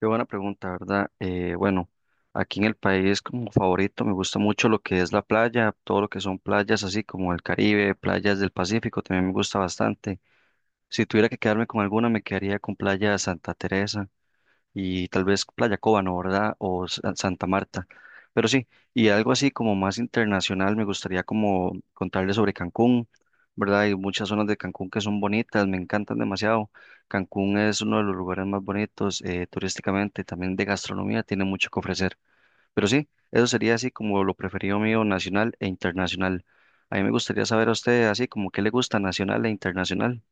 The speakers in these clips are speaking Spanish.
Qué buena pregunta, ¿verdad? Bueno, aquí en el país como favorito me gusta mucho lo que es la playa, todo lo que son playas así como el Caribe, playas del Pacífico, también me gusta bastante. Si tuviera que quedarme con alguna, me quedaría con Playa Santa Teresa y tal vez Playa Cóbano, ¿verdad? O Santa Marta. Pero sí, y algo así como más internacional, me gustaría como contarles sobre Cancún, ¿verdad? Hay muchas zonas de Cancún que son bonitas, me encantan demasiado. Cancún es uno de los lugares más bonitos turísticamente, también de gastronomía, tiene mucho que ofrecer. Pero sí, eso sería así como lo preferido mío, nacional e internacional. A mí me gustaría saber a usted así como qué le gusta nacional e internacional.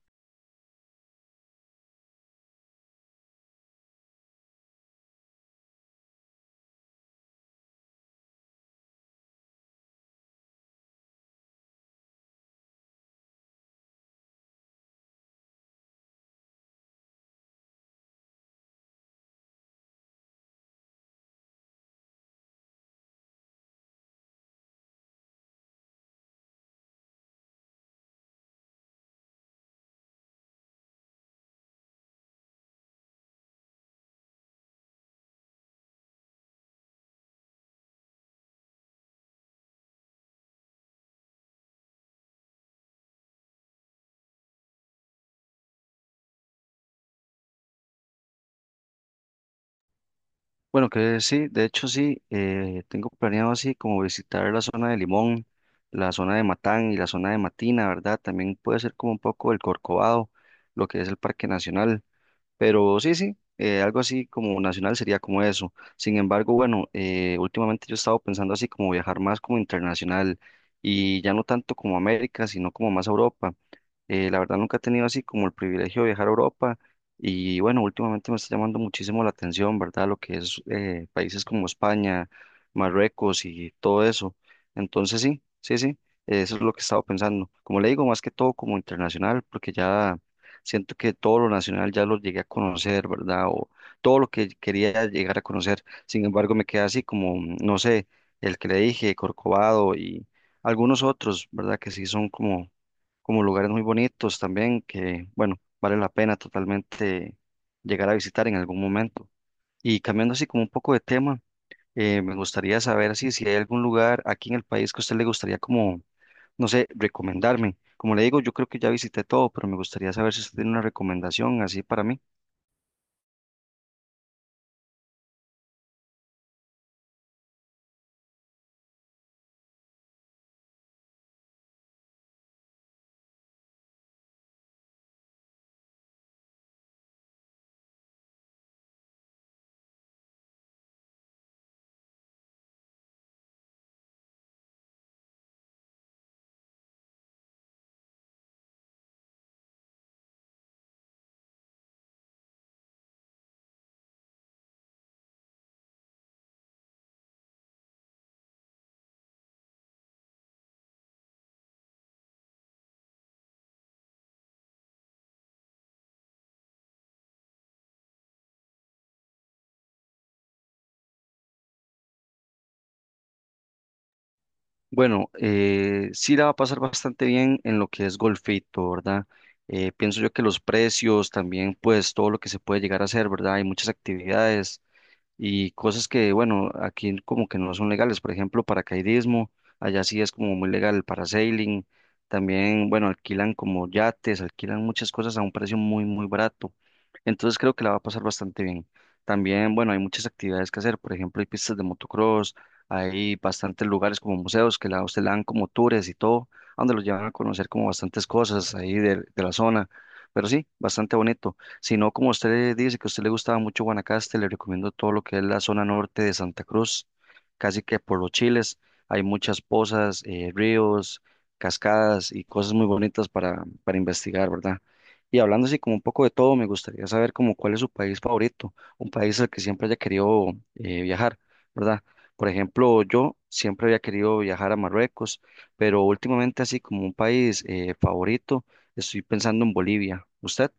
Bueno, que sí, de hecho sí, tengo planeado así como visitar la zona de Limón, la zona de Matán y la zona de Matina, ¿verdad? También puede ser como un poco el Corcovado, lo que es el Parque Nacional. Pero sí, sí, algo así como nacional sería como eso. Sin embargo, bueno, últimamente yo he estado pensando así como viajar más como internacional y ya no tanto como América, sino como más a Europa. La verdad nunca he tenido así como el privilegio de viajar a Europa y bueno, últimamente me está llamando muchísimo la atención, ¿verdad? Lo que es países como España, Marruecos y todo eso. Entonces sí, sí, sí, eso es lo que he estado pensando. Como le digo, más que todo como internacional, porque ya siento que todo lo nacional ya lo llegué a conocer, ¿verdad? O todo lo que quería llegar a conocer. Sin embargo, me queda así como, no sé, el que le dije, Corcovado y algunos otros, ¿verdad? Que sí son como lugares muy bonitos también, que, bueno, vale la pena totalmente llegar a visitar en algún momento. Y cambiando así como un poco de tema, me gustaría saber así, si hay algún lugar aquí en el país que a usted le gustaría como no sé, recomendarme. Como le digo, yo creo que ya visité todo, pero me gustaría saber si usted tiene una recomendación así para mí. Bueno, sí la va a pasar bastante bien en lo que es Golfito, ¿verdad? Pienso yo que los precios, también pues todo lo que se puede llegar a hacer, ¿verdad? Hay muchas actividades, y cosas que, bueno, aquí como que no son legales, por ejemplo, paracaidismo, allá sí es como muy legal el parasailing, también, bueno, alquilan como yates, alquilan muchas cosas a un precio muy, muy barato, entonces creo que la va a pasar bastante bien. También, bueno, hay muchas actividades que hacer, por ejemplo, hay pistas de motocross, hay bastantes lugares como museos que a usted le dan como tours y todo, a donde los llevan a conocer como bastantes cosas ahí de la zona, pero sí, bastante bonito. Si no, como usted dice que a usted le gustaba mucho Guanacaste, le recomiendo todo lo que es la zona norte de Santa Cruz, casi que por los Chiles. Hay muchas pozas, ríos, cascadas y cosas muy bonitas para investigar, ¿verdad? Y hablando así como un poco de todo, me gustaría saber como cuál es su país favorito, un país al que siempre haya querido viajar, ¿verdad? Por ejemplo, yo siempre había querido viajar a Marruecos, pero últimamente así como un país favorito, estoy pensando en Bolivia. ¿Usted?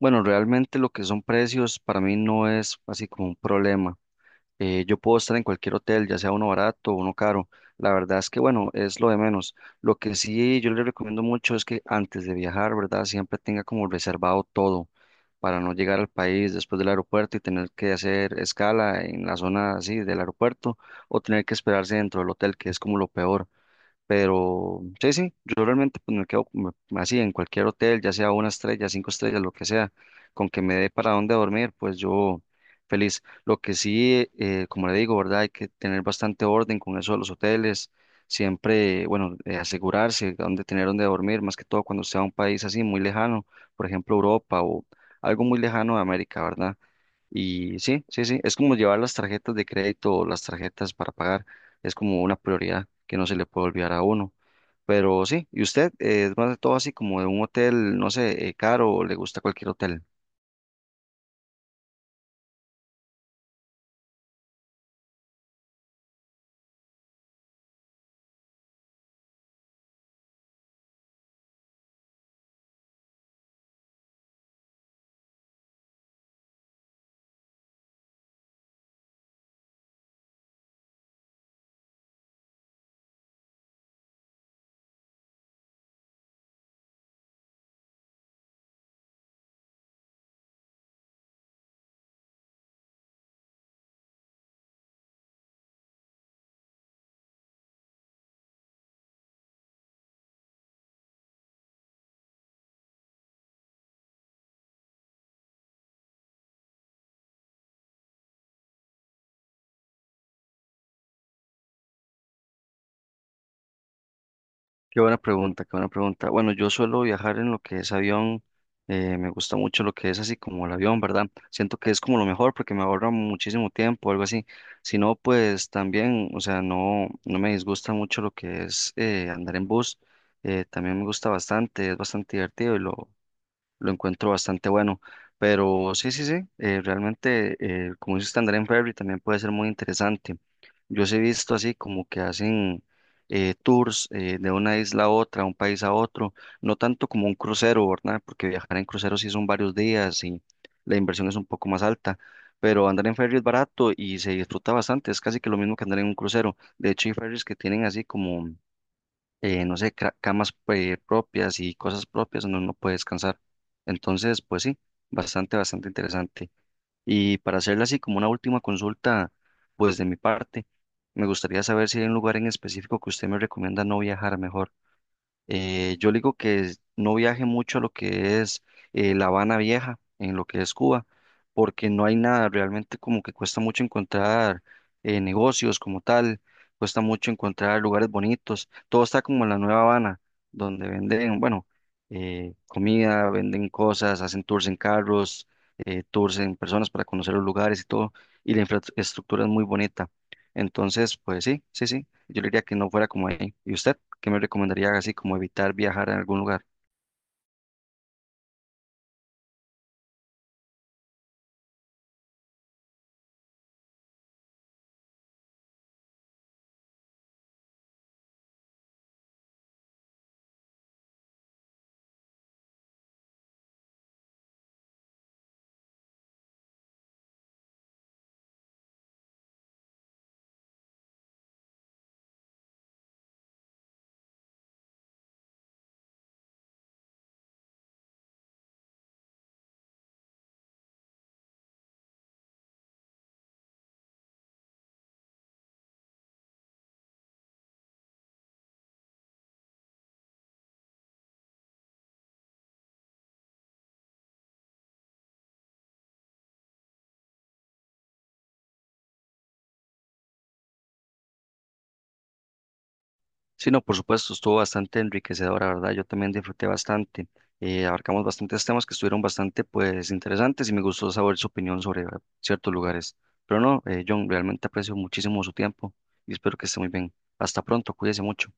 Bueno, realmente lo que son precios para mí no es así como un problema. Yo puedo estar en cualquier hotel, ya sea uno barato o uno caro. La verdad es que, bueno, es lo de menos. Lo que sí yo le recomiendo mucho es que antes de viajar, ¿verdad? Siempre tenga como reservado todo para no llegar al país después del aeropuerto y tener que hacer escala en la zona así del aeropuerto o tener que esperarse dentro del hotel, que es como lo peor. Pero sí, sí, yo realmente pues me quedo como así en cualquier hotel, ya sea una estrella, cinco estrellas, lo que sea, con que me dé para dónde dormir, pues yo feliz. Lo que sí, como le digo, ¿verdad? Hay que tener bastante orden con eso de los hoteles, siempre, bueno, asegurarse dónde tener dónde dormir, más que todo cuando sea un país así muy lejano, por ejemplo Europa o algo muy lejano de América, ¿verdad? Y sí, sí, sí, es como llevar las tarjetas de crédito o las tarjetas para pagar, es como una prioridad que no se le puede olvidar a uno. Pero sí, ¿y usted es más de todo así como de un hotel, no sé, caro o le gusta cualquier hotel? Qué buena pregunta, qué buena pregunta. Bueno, yo suelo viajar en lo que es avión, me gusta mucho lo que es así como el avión, ¿verdad? Siento que es como lo mejor porque me ahorra muchísimo tiempo, algo así. Si no, pues también, o sea, no, no me disgusta mucho lo que es andar en bus, también me gusta bastante, es bastante divertido y lo encuentro bastante bueno. Pero sí, sí, sí, realmente, como dice Standard Ferry, también puede ser muy interesante. Yo sí he visto así como que hacen tours de una isla a otra, un país a otro, no tanto como un crucero, ¿verdad? Porque viajar en crucero sí son varios días y la inversión es un poco más alta, pero andar en ferry es barato y se disfruta bastante, es casi que lo mismo que andar en un crucero. De hecho, hay ferries que tienen así como no sé, camas propias y cosas propias uno no puede descansar. Entonces, pues sí, bastante, bastante interesante. Y para hacerle así como una última consulta, pues de mi parte, me gustaría saber si hay un lugar en específico que usted me recomienda no viajar mejor. Yo le digo que no viaje mucho a lo que es La Habana Vieja, en lo que es Cuba, porque no hay nada, realmente como que cuesta mucho encontrar negocios como tal, cuesta mucho encontrar lugares bonitos, todo está como en la Nueva Habana, donde venden, bueno, comida, venden cosas, hacen tours en carros, tours en personas para conocer los lugares y todo, y la infraestructura es muy bonita. Entonces, pues sí, sí, sí, yo le diría que no fuera como ahí. ¿Y usted? ¿Qué me recomendaría así como evitar viajar a algún lugar? Sí, no, por supuesto, estuvo bastante enriquecedora, ¿verdad? Yo también disfruté bastante. Abarcamos bastantes temas que estuvieron bastante, pues, interesantes y me gustó saber su opinión sobre ciertos lugares. Pero no, John, realmente aprecio muchísimo su tiempo y espero que esté muy bien. Hasta pronto, cuídese mucho.